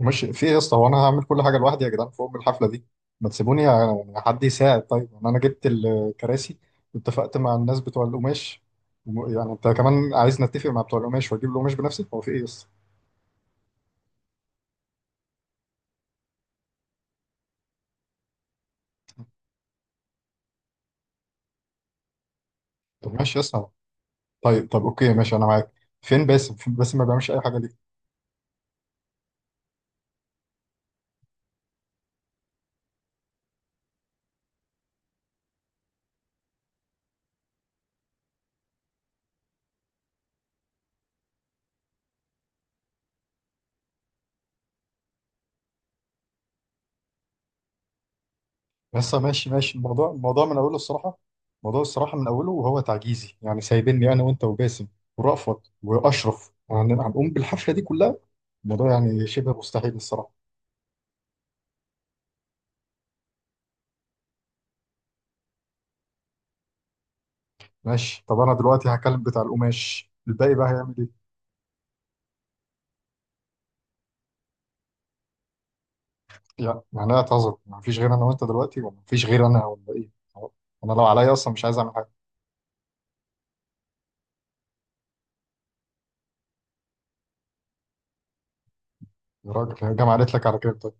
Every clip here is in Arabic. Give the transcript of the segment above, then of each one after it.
مش في ايه يا اسطى؟ هو انا هعمل كل حاجه لوحدي يا جدعان فوق الحفله دي؟ ما تسيبوني، حد يساعد، طيب. يعني انا جبت الكراسي واتفقت مع الناس بتوع القماش، يعني انت كمان عايز نتفق مع بتوع القماش واجيب القماش بنفسي؟ هو في ايه يا اسطى؟ طب ماشي يا اسطى، طيب، طب اوكي ماشي انا معاك. فين باسم؟ فين باسم؟ ما بيعملش اي حاجه ليه؟ يا اسطى ماشي ماشي، الموضوع من اوله الصراحه. الموضوع الصراحه من اوله وهو تعجيزي، يعني سايبني انا وانت وباسم ورأفت واشرف، يعني هنقوم بالحفله دي كلها، الموضوع يعني شبه مستحيل الصراحه. ماشي، طب انا دلوقتي هكلم بتاع القماش، الباقي بقى هيعمل ايه؟ يعني انا اعتذر، ما فيش غير انا وانت دلوقتي، ولا ما فيش غير انا، ولا ايه؟ هو انا لو عليا اصلا مش عايز اعمل حاجه. يا راجل هي الجامعه قالت لك على كام طيب؟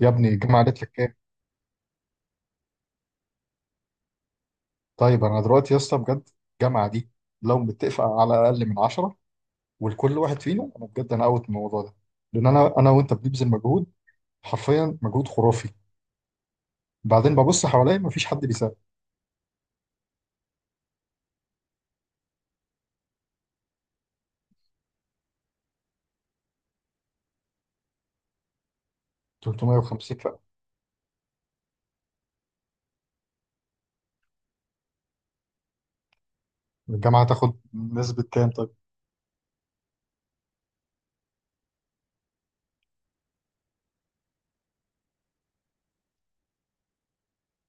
يا ابني الجامعه قالت لك كام؟ طيب انا دلوقتي يا اسطى بجد الجامعه دي، لو متفق على اقل من 10 ولكل واحد فينا، انا بجد انا اوت من الموضوع ده، لان انا وانت بنبذل مجهود، حرفيا مجهود خرافي، بعدين ببص حواليا مفيش حد بيساعد. 350 فئة؟ الجامعة تاخد نسبة كام طيب؟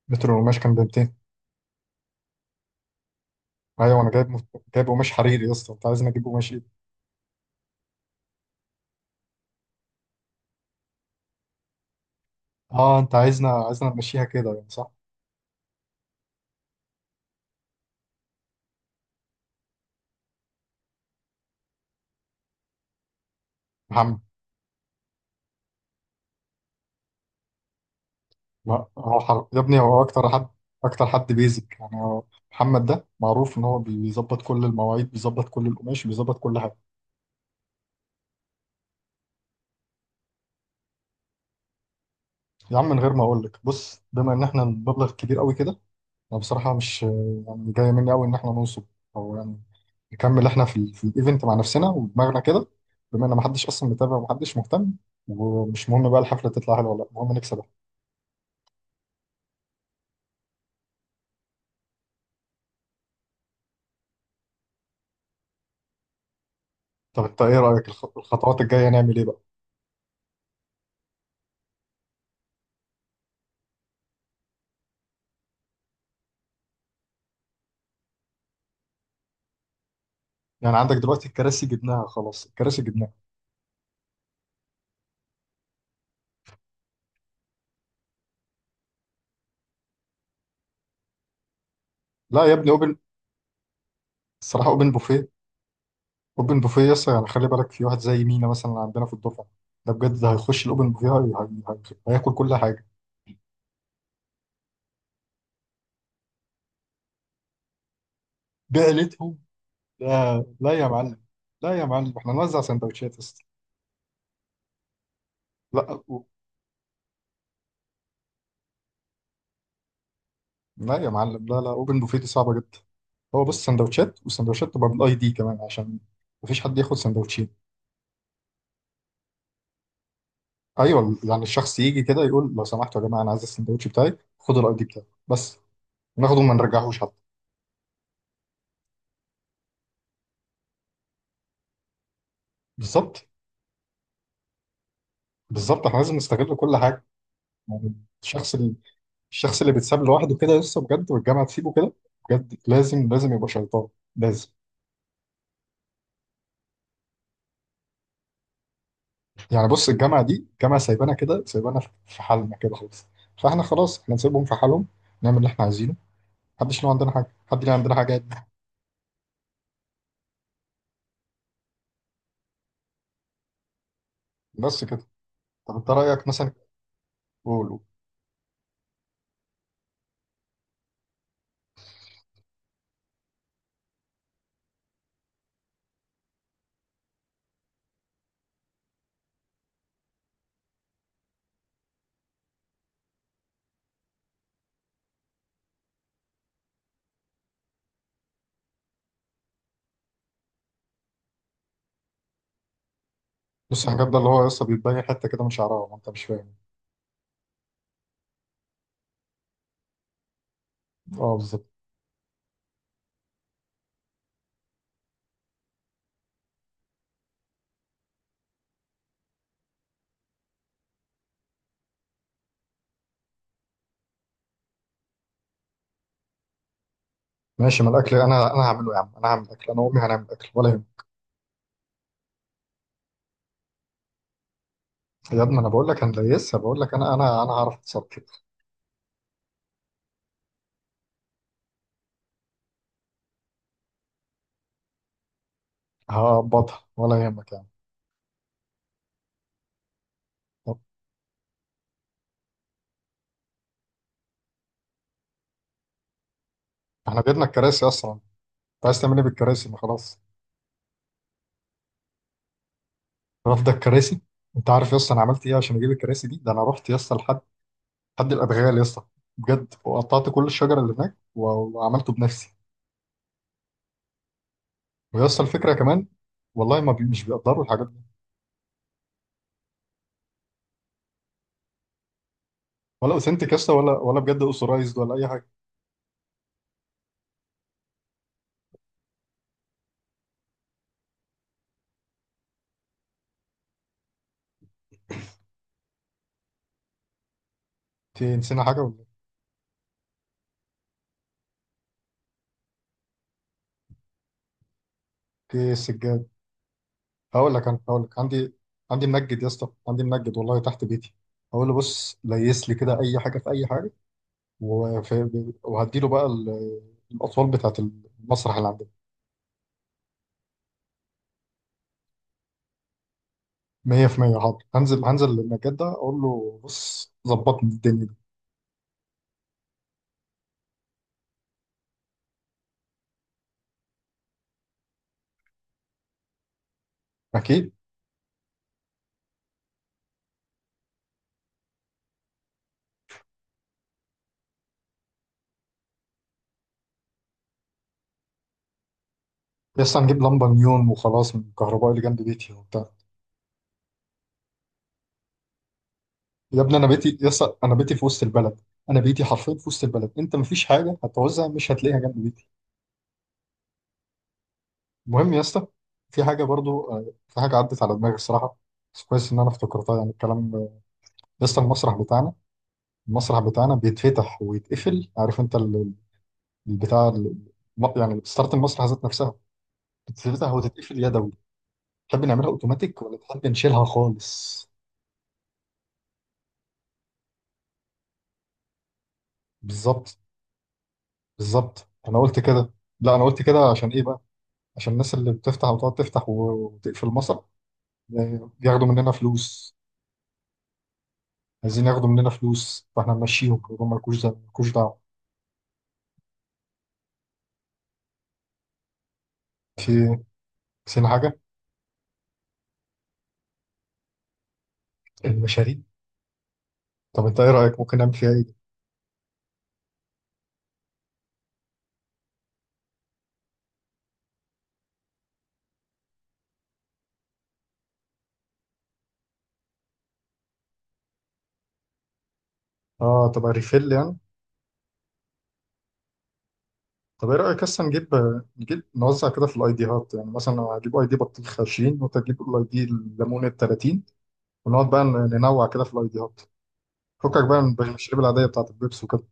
متر القماش كان ب ايوه انا جايب جايب قماش حريري يا اسطى، انت عايزنا نجيب قماش ايه؟ اه انت عايزنا نمشيها كده يعني صح؟ محمد. لا هو يا ابني هو اكتر حد، اكتر حد بيزك يعني هو. محمد ده معروف ان هو بيظبط كل المواعيد، بيظبط كل القماش، بيظبط كل حاجه. يا عم من غير ما اقول لك، بص، بما ان احنا المبلغ كبير قوي كده، انا بصراحه مش يعني جايه مني قوي ان احنا ننصب، او يعني نكمل احنا في، في الايفنت مع نفسنا ودماغنا كده، بما ان محدش اصلا متابع ومحدش مهتم، ومش مهم بقى الحفله تطلع حلوه ولا لا، المهم نكسب. طب انت ايه رأيك، الخطوات الجاية نعمل ايه بقى؟ يعني عندك دلوقتي الكراسي جبناها خلاص، الكراسي جبناها. لا يا ابني، اوبن، الصراحة اوبن بوفيه. اوبن بوفيه يس، يعني خلي بالك في واحد زي مينا مثلا عندنا في الدفعة، ده بجد ده هيخش الاوبن بوفيه، هياكل كل حاجة. بعلتهم؟ لا لا يا معلم، لا يا معلم، احنا نوزع سندوتشات يس. لا لا يا معلم، لا لا، اوبن بوفيه دي صعبة جدا، هو بص سندوتشات، وسندوتشات تبقى بالاي دي كمان عشان مفيش حد ياخد سندوتشين. ايوه يعني الشخص يجي كده يقول، لو سمحتوا يا جماعه انا عايز السندوتش بتاعي، خدوا الاي دي بتاعي بس، ناخده وما نرجعهوش حتى. بالظبط، بالظبط احنا لازم نستغل كل حاجه. يعني الشخص اللي الشخص اللي بيتساب لوحده كده لسه بجد، والجامعه تسيبه كده، بجد لازم لازم يبقى شيطان، لازم. يعني بص، الجامعه دي جامعه سايبانا كده، سايبانا في حالنا كده خالص، فاحنا خلاص احنا نسيبهم في حالهم، نعمل اللي احنا عايزينه، محدش له عندنا حاجه، محد له عندنا حاجات. بس كده. طب انت رايك مثلا، قول قول. بص الحجاب ده اللي هو لسه بيتبين حته كده من شعرها، ما انت مش فاهم. اه بالظبط. ماشي، ما الاكل انا هعمله يا عم، انا هعمل اكل انا وامي، هنعمل اكل ولا يهمك. يا ابني انا بقول لك هنديسها، بقول لك انا انا هعرف اتصرف. هظبطها ولا يهمك يا عم. طب احنا بيدنا الكراسي اصلا، انت عايز تعمل ايه بالكراسي؟ ما خلاص. رافضه الكراسي؟ انت عارف يا اسطى انا عملت ايه عشان اجيب الكراسي دي؟ ده انا رحت يا اسطى لحد، حد الادغال يا اسطى، بجد، وقطعت كل الشجر اللي هناك وعملته بنفسي. ويا اسطى الفكره كمان، والله ما بي مش بيقدروا الحاجات دي، ولا اوثنتيك يا اسطى ولا ولا بجد اوثورايزد ولا اي حاجه. تنسينا حاجه ولا؟ ايه السجاده؟ هقول لك، انا هقول لك عندي، عندي منجد يا اسطى، عندي منجد والله تحت بيتي، هقول له بص ليس لي كده اي حاجه في اي حاجه، وهديله بقى الاطوال بتاعه، المسرح اللي عندنا. 100% حاضر، هنزل للمنجد ده اقول له بص ظبطني الدنيا دي. اكيد. يا اسطى هنجيب لمبه نيون وخلاص من الكهرباء اللي جنب بيتي وبتاع. يا ابني انا بيتي يا اسطى، انا بيتي في وسط البلد، انا بيتي حرفيا في وسط البلد، انت مفيش حاجه هتعوزها مش هتلاقيها جنب بيتك. المهم يا اسطى، في حاجه برضو، في حاجه عدت على دماغي الصراحه، بس كويس ان انا افتكرتها يعني الكلام. يا اسطى المسرح بتاعنا، المسرح بتاعنا بيتفتح ويتقفل، عارف انت البتاع يعني ستارت المسرح ذات نفسها بتتفتح وتتقفل يدوي. تحب نعملها اوتوماتيك ولا تحب نشيلها خالص؟ بالظبط، بالظبط انا قلت كده، لا انا قلت كده عشان ايه بقى، عشان الناس اللي بتفتح وتقعد تفتح وتقفل المسرح، ياخدوا مننا فلوس، عايزين ياخدوا مننا فلوس، فاحنا نمشيهم يقولوا مالكوش، ده مالكوش. دعوه. نسينا حاجة، المشاريب. طب انت ايه رأيك ممكن نعمل فيها ايه دي؟ اه طب ريفيل يعني؟ طب ايه رأيك اصلا نجيب، نوزع كده في الايديهات، يعني مثلا انا هجيب اي دي بطيخ 20، وانت تجيب الاي دي الليمون ال 30، ونقعد بقى ننوع كده في الايديهات، فكك بقى من المشاريب العادية بتاعت البيبس وكده.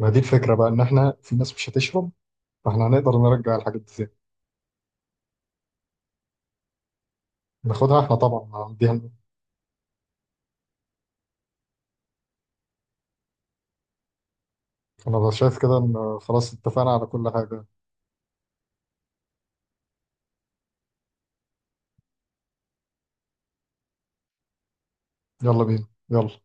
ما دي الفكرة بقى، ان احنا في ناس مش هتشرب، فاحنا هنقدر نرجع الحاجات دي ازاي؟ ناخدها احنا طبعا هنديها لنا. انا بقى شايف كده ان خلاص اتفقنا على كل حاجة. يلا بينا، يلا.